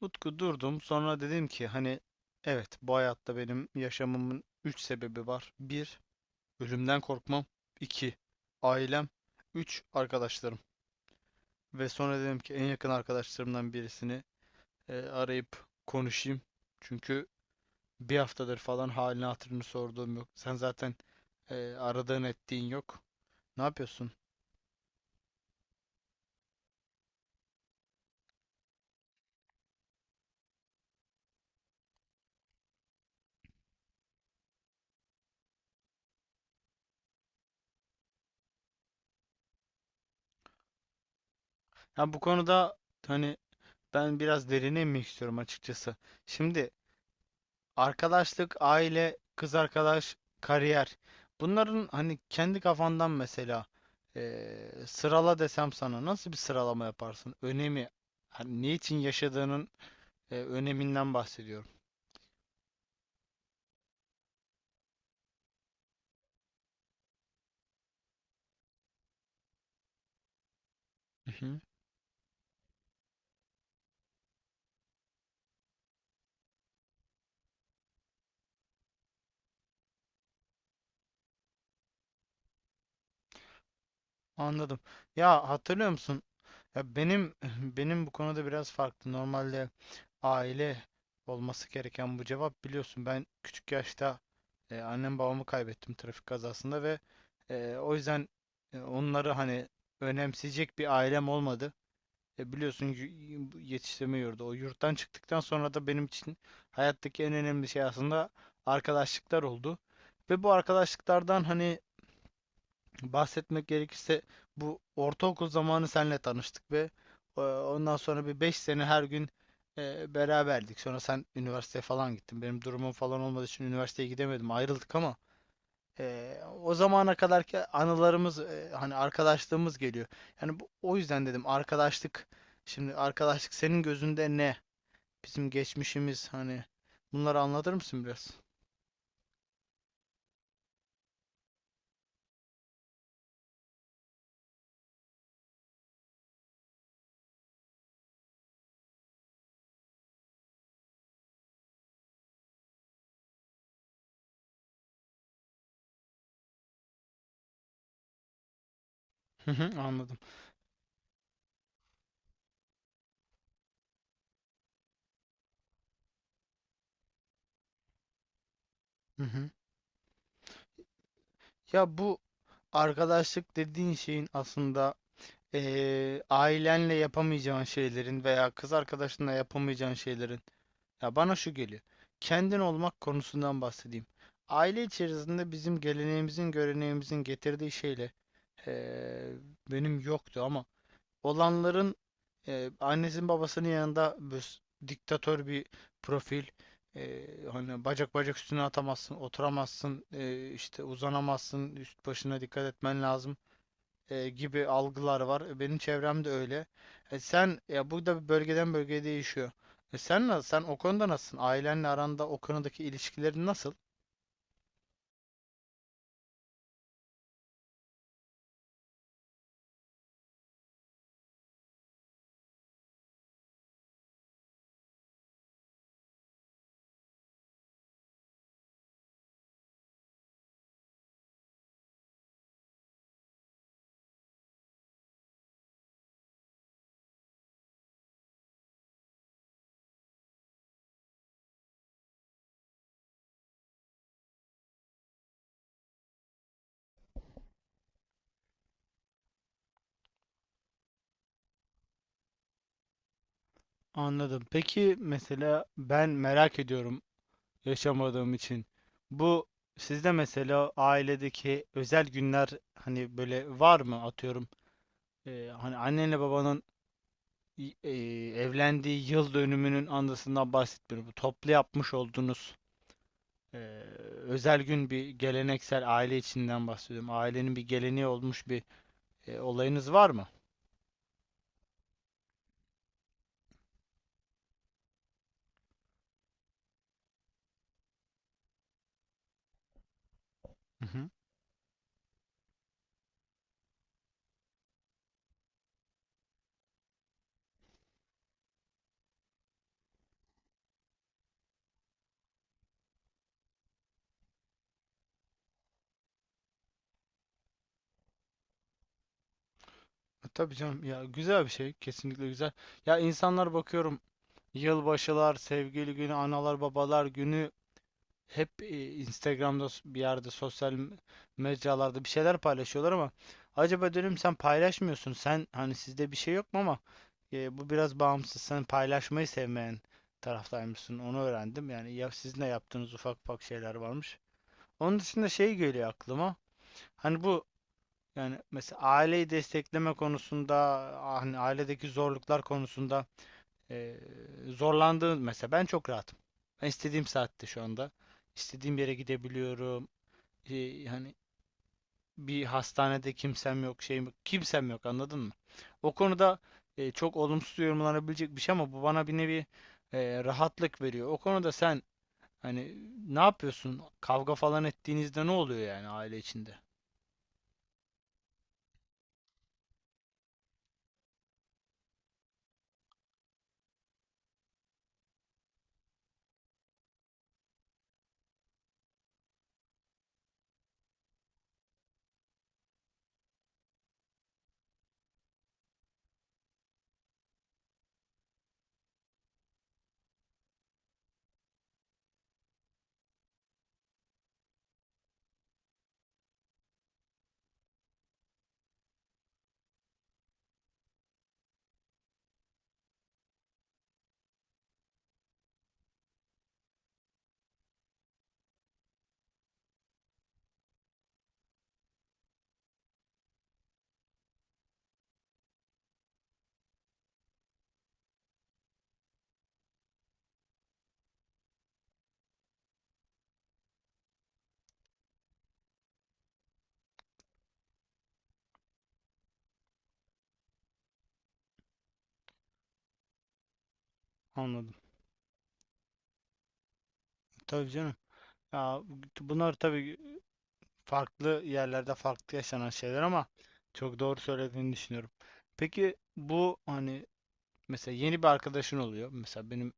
Utku durdum. Sonra dedim ki evet, bu hayatta benim yaşamımın 3 sebebi var. Bir, ölümden korkmam. İki ailem. Üç, arkadaşlarım. Ve sonra dedim ki en yakın arkadaşlarımdan birisini arayıp konuşayım. Çünkü bir haftadır falan halini hatırını sorduğum yok. Sen zaten aradığın ettiğin yok. Ne yapıyorsun? Ya bu konuda hani ben biraz derine inmek istiyorum açıkçası. Şimdi arkadaşlık, aile, kız arkadaş, kariyer. Bunların hani kendi kafandan mesela sırala desem sana nasıl bir sıralama yaparsın? Önemi, hani niçin yaşadığının öneminden bahsediyorum. Mhm. Anladım. Ya hatırlıyor musun? Ya benim benim bu konuda biraz farklı. Normalde aile olması gereken bu cevap, biliyorsun ben küçük yaşta annem babamı kaybettim trafik kazasında ve o yüzden onları hani önemseyecek bir ailem olmadı. Biliyorsun, bu yetiştirme yurdu. O yurttan çıktıktan sonra da benim için hayattaki en önemli şey aslında arkadaşlıklar oldu. Ve bu arkadaşlıklardan hani bahsetmek gerekirse bu ortaokul zamanı senle tanıştık ve ondan sonra bir 5 sene her gün beraberdik. Sonra sen üniversiteye falan gittin. Benim durumum falan olmadığı için üniversiteye gidemedim. Ayrıldık ama e, o zamana kadarki anılarımız hani arkadaşlığımız geliyor. Yani bu, o yüzden dedim arkadaşlık, şimdi arkadaşlık senin gözünde ne? Bizim geçmişimiz, hani bunları anlatır mısın biraz? Hı hı, anladım. Hı hı. Ya bu arkadaşlık dediğin şeyin aslında ailenle yapamayacağın şeylerin veya kız arkadaşınla yapamayacağın şeylerin. Ya bana şu geliyor. Kendin olmak konusundan bahsedeyim. Aile içerisinde bizim geleneğimizin, göreneğimizin getirdiği şeyle eee, benim yoktu ama olanların annesinin babasının yanında diktatör bir profil, hani bacak bacak üstüne atamazsın, oturamazsın, işte uzanamazsın, üst başına dikkat etmen lazım gibi algılar var. Benim çevremde öyle. Sen ya, burada bir bölgeden bölgeye değişiyor. Sen nasıl? Sen o konuda nasılsın? Ailenle aranda o konudaki ilişkilerin nasıl? Anladım. Peki mesela ben merak ediyorum yaşamadığım için. Bu sizde mesela ailedeki özel günler hani böyle var mı, atıyorum? Hani annenle babanın e, evlendiği yıl dönümünün andasından bahsetmiyorum. Bu toplu yapmış olduğunuz Ee, özel gün, bir geleneksel aile içinden bahsediyorum. Ailenin bir geleneği olmuş bir olayınız var mı? Hı hı. Tabii canım, ya güzel bir şey, kesinlikle güzel. Ya insanlar bakıyorum yılbaşılar, sevgili günü, analar babalar günü hep Instagram'da bir yerde sosyal mecralarda bir şeyler paylaşıyorlar ama acaba diyorum sen paylaşmıyorsun. Sen hani sizde bir şey yok mu ama bu biraz bağımsız. Sen paylaşmayı sevmeyen taraftaymışsın. Onu öğrendim. Yani ya sizin de yaptığınız ufak ufak şeyler varmış. Onun dışında şey geliyor aklıma. Hani bu, yani mesela aileyi destekleme konusunda, hani ailedeki zorluklar konusunda ee, zorlandığın, mesela ben çok rahatım. Ben istediğim saatte şu anda İstediğim yere gidebiliyorum. Hani bir hastanede kimsem yok, şeyim yok, kimsem yok, anladın mı? O konuda çok olumsuz yorumlanabilecek bir şey ama bu bana bir nevi rahatlık veriyor. O konuda sen hani ne yapıyorsun? Kavga falan ettiğinizde ne oluyor yani aile içinde? Anladım. Tabii canım. Ya, bunlar tabii farklı yerlerde farklı yaşanan şeyler ama çok doğru söylediğini düşünüyorum. Peki bu hani mesela yeni bir arkadaşın oluyor. Mesela benim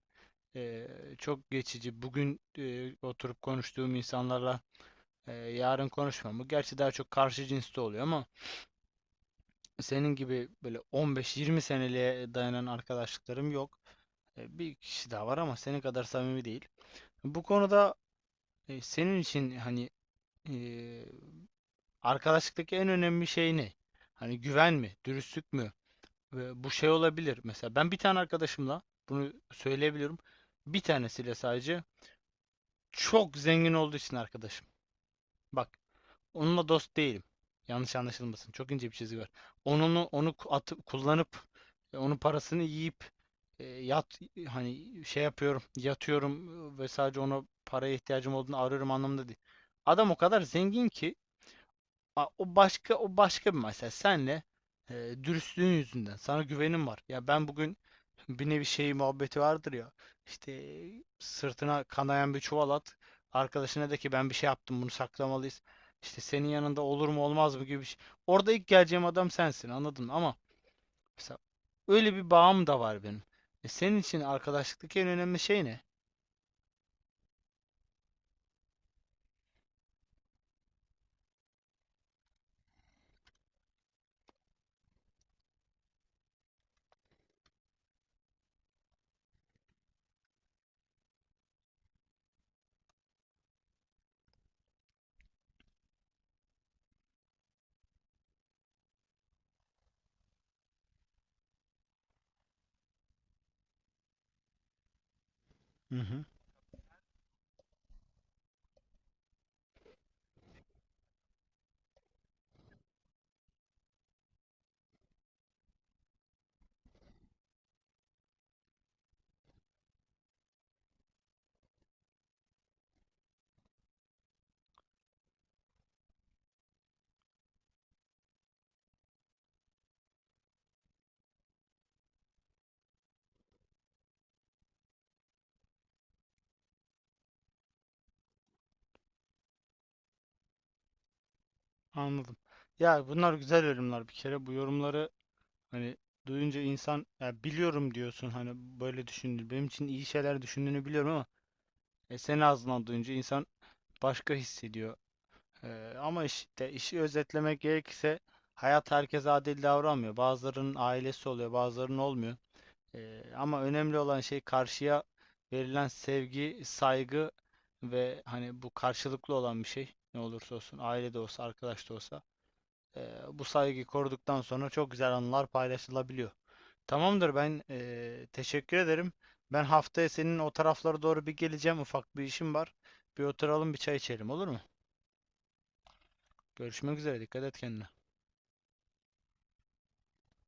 çok geçici, bugün oturup konuştuğum insanlarla yarın konuşmamı. Gerçi daha çok karşı cinste oluyor ama senin gibi böyle 15-20 seneliğe dayanan arkadaşlıklarım yok. Bir kişi daha var ama senin kadar samimi değil. Bu konuda senin için hani e, arkadaşlıktaki en önemli şey ne? Hani güven mi, dürüstlük mü? Ve bu şey olabilir. Mesela ben bir tane arkadaşımla bunu söyleyebiliyorum. Bir tanesiyle sadece çok zengin olduğu için arkadaşım. Bak, onunla dost değilim. Yanlış anlaşılmasın, çok ince bir çizgi var. Onu atıp kullanıp onun parasını yiyip e, yat hani şey yapıyorum, yatıyorum ve sadece ona paraya ihtiyacım olduğunu arıyorum anlamında değil. Adam o kadar zengin ki. O başka, o başka bir mesele. Senle e, dürüstlüğün yüzünden sana güvenim var. Ya ben bugün bir nevi şey muhabbeti vardır ya. İşte sırtına kanayan bir çuval at. Arkadaşına de ki ben bir şey yaptım, bunu saklamalıyız. İşte senin yanında olur mu olmaz mı gibi bir şey. Orada ilk geleceğim adam sensin, anladın mı? Ama mesela öyle bir bağım da var benim. E senin için arkadaşlıktaki en önemli şey ne? Hı hı. Anladım. Ya bunlar güzel yorumlar bir kere. Bu yorumları hani duyunca insan ya biliyorum diyorsun, hani böyle düşündü. Benim için iyi şeyler düşündüğünü biliyorum ama senin ağzından duyunca insan başka hissediyor. Ama işte işi özetlemek gerekirse hayat herkese adil davranmıyor. Bazılarının ailesi oluyor, bazılarının olmuyor. Ama önemli olan şey karşıya verilen sevgi, saygı ve hani bu karşılıklı olan bir şey. Ne olursa olsun, aile de olsa, arkadaş da olsa. Bu saygıyı koruduktan sonra çok güzel anılar paylaşılabiliyor. Tamamdır, ben teşekkür ederim. Ben haftaya senin o taraflara doğru bir geleceğim. Ufak bir işim var. Bir oturalım, bir çay içelim, olur mu? Görüşmek üzere. Dikkat et kendine.